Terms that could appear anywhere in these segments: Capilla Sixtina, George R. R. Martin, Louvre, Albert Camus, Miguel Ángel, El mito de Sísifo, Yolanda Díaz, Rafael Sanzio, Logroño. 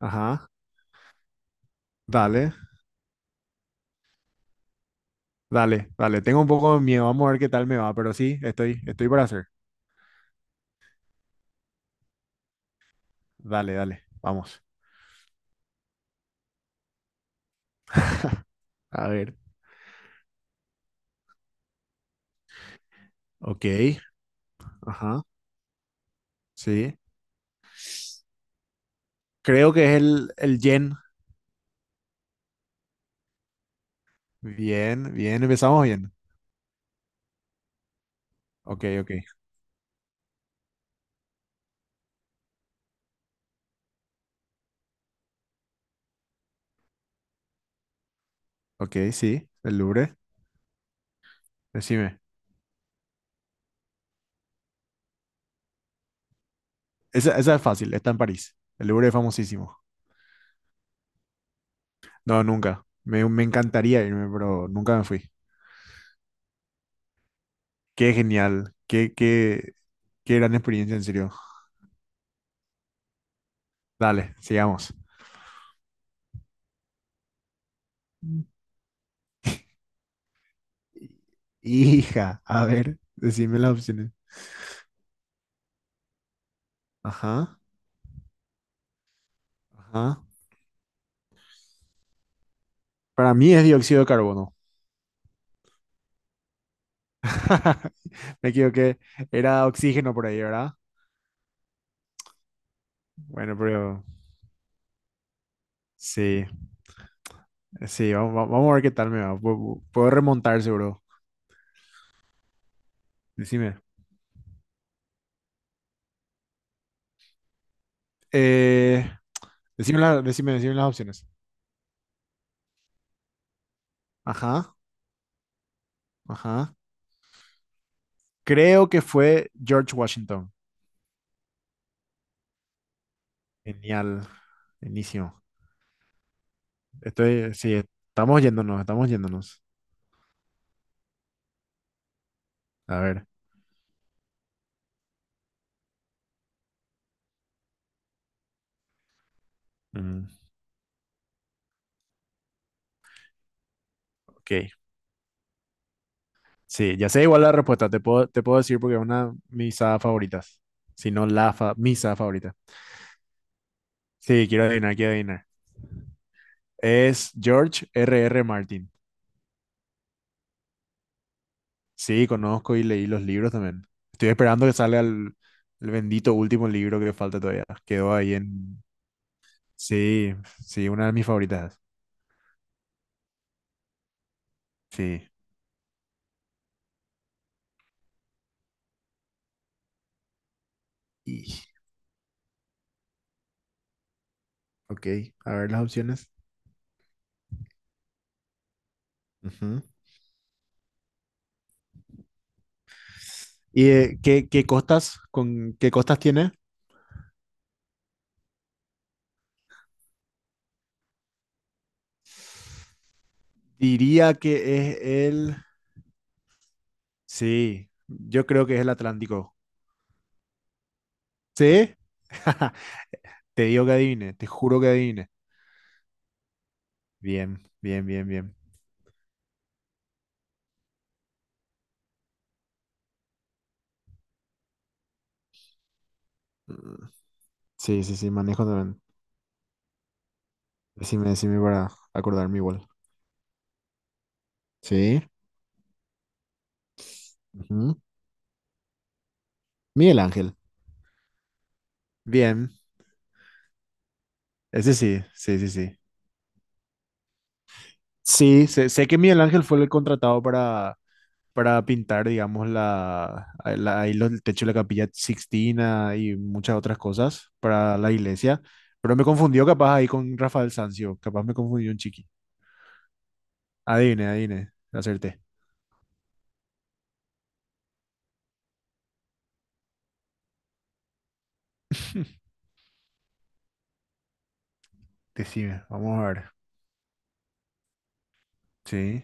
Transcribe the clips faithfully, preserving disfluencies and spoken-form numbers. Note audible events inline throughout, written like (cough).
Ajá, dale, dale, dale. Tengo un poco de miedo, vamos a ver qué tal me va, pero sí, estoy, estoy para hacer. Dale, dale, vamos. A ver, ok, ajá, sí. Creo que es el, el yen. Bien, bien, empezamos bien. Ok, ok, ok, sí, el Louvre, decime. Esa, esa es fácil, está en París. El Louvre es famosísimo. No, nunca. Me, me encantaría irme, pero nunca me fui. Qué genial, qué, qué, qué gran experiencia, en serio. Dale, sigamos. Hija, a ver, decime las opciones. Ajá, ajá. Para mí es dióxido de carbono. (laughs) Me equivoqué. Era oxígeno por ahí, ¿verdad? Bueno, pero sí, sí, vamos, va- vamos a ver qué tal me va. Pu- Puedo remontar seguro. Decime. Eh, decime la- decime, decime las opciones. Ajá, ajá. Creo que fue George Washington. Genial. Inicio. Estoy, sí, estamos yéndonos, estamos yéndonos. A ver. Mm, ok. Sí, ya sé igual la respuesta, te puedo, te puedo decir porque es una de mis sagas favoritas, si no la fa- mi saga favorita. Sí, quiero adivinar, quiero adivinar. Es George R. R. Martin. Sí, conozco y leí los libros también. Estoy esperando que salga el, el bendito último libro que falta todavía. Quedó ahí en... Sí, sí, una de mis favoritas. Sí. Y, ok, a ver las opciones. Ujú. ¿Y eh, qué, qué costas, con qué costas tiene? Diría que es el... Sí, yo creo que es el Atlántico. ¿Sí? (laughs) Te digo que adivine, te juro que adivine. Bien, bien, bien, bien. Mm, sí, sí, sí, manejo también. Decime, decime para acordarme igual. Sí. Ujú. Miguel Ángel. Bien, ese sí, sí, sí, sí. Sí, sé, sé que Miguel Ángel fue el contratado para, para pintar, digamos, la, la- ahí los- el techo de la Capilla Sixtina y muchas otras cosas para la iglesia. Pero me confundió capaz ahí con Rafael Sanzio, capaz me confundió un chiqui. Adivine, adivine, acerté. (laughs) Decime, vamos a ver. Sí,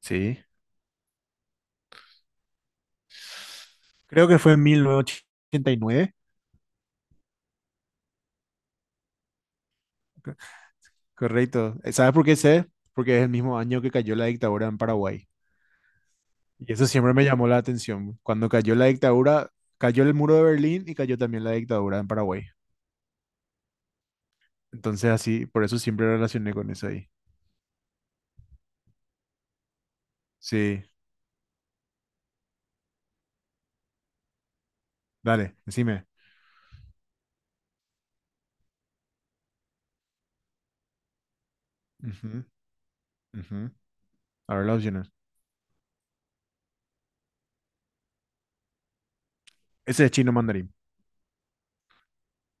sí. Creo que fue en mil novecientos ochenta y nueve. Co- Correcto. Eh, ¿Sabes por qué sé? Porque es el mismo año que cayó la dictadura en Paraguay. Y eso siempre me llamó la atención. Cuando cayó la dictadura, cayó el muro de Berlín y cayó también la dictadura en Paraguay. Entonces así, por eso siempre relacioné con eso ahí. Sí, dale, decime. Ujú, ujú. A ver las opciones. Ese es chino mandarín.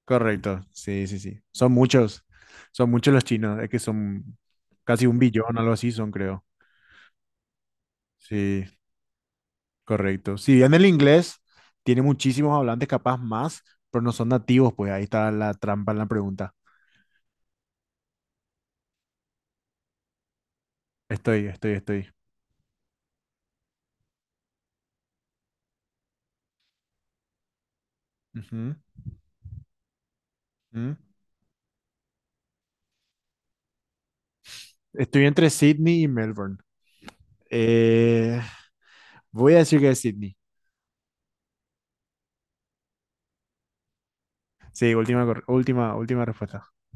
Correcto, sí, sí, sí. Son muchos, son muchos los chinos, es que son casi un billón, algo así son, creo. Sí, correcto. Si bien el inglés tiene muchísimos hablantes, capaz más, pero no son nativos, pues ahí está la trampa en la pregunta. Estoy, estoy, estoy. Ujú, ujú. Estoy entre Sydney y Melbourne. Eh, Voy a decir que es Sydney. Sí, última, cor- última, última respuesta. (laughs)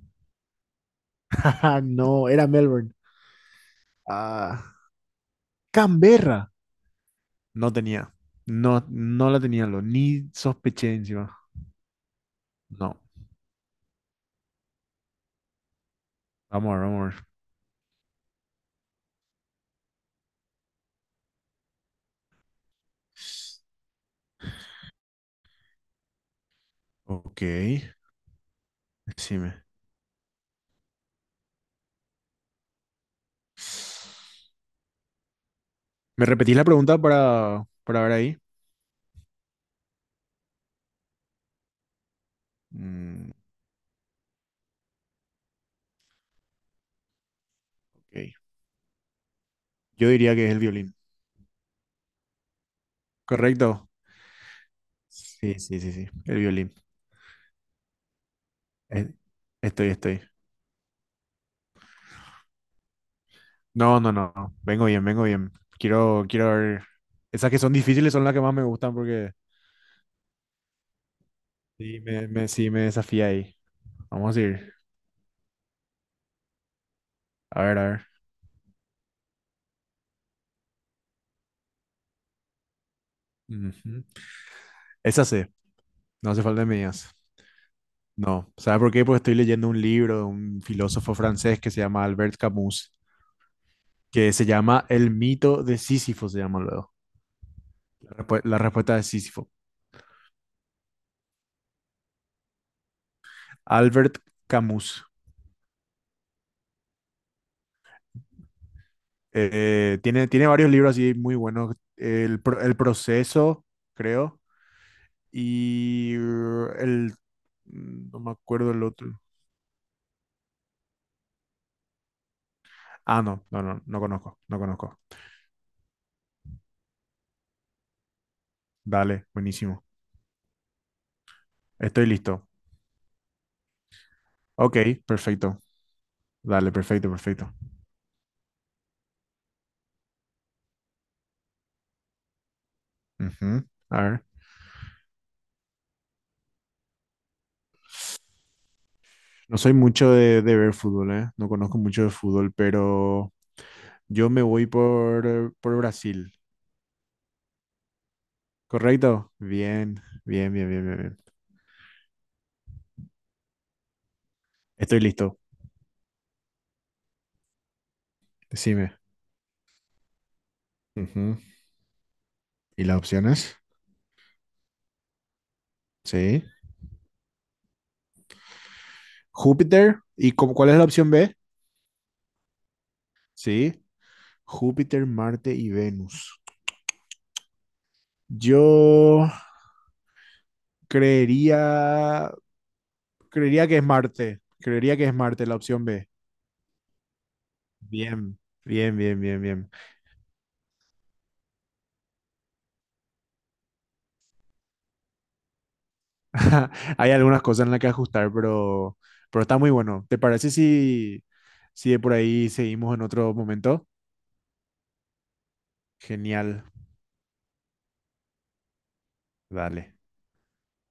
Ah, no, era Melbourne. Ah, Canberra. No tenía. No, no la tenía, lo, ni sospeché encima. No. Vamos a ver, vamos a ver. Ok, decime. ¿Me repetís la pregunta para, para ver ahí? Mm, ok. Yo diría que es el violín. ¿Correcto? Sí, sí, sí, sí. El violín. Es- Estoy, estoy. No, no, no, no. Vengo bien, vengo bien. Quiero, quiero ver. Esas que son difíciles son las que más me gustan porque Sí, me, me, sí, me desafía ahí. Vamos a ir. A ver, a ver. Ujú. Esa sé, no hace falta de medias. No, ¿sabe por qué? Porque estoy leyendo un libro de un filósofo francés que se llama Albert Camus, que se llama El mito de Sísifo, se llama luego. La, respu- la respuesta de Sísifo. Albert Camus. Eh, tiene, tiene varios libros así muy buenos. El, pro- el proceso, creo, y eh, el... mm, No me acuerdo el otro. Ah, no, no, no, no conozco, no conozco. Dale, buenísimo. Estoy listo. Ok, perfecto. Dale, perfecto, perfecto. Ujú. A ver, no soy mucho de, de ver fútbol, ¿eh? No conozco mucho de fútbol, pero yo me voy por, por Brasil. ¿Correcto? Bien, bien, bien, bien, bien, bien. Estoy listo. Decime. Ujú. ¿Y las opciones? Sí. Júpiter. ¿Y cu- cuál es la opción B? Sí. Júpiter, Marte y Venus. Yo creería Creería que es Marte. Creería que es Marte la opción B. Bien, bien, bien, bien, bien. (laughs) Hay algunas cosas en las que ajustar, pero, pero está muy bueno. ¿Te parece si, si de por ahí seguimos en otro momento? Genial. Dale.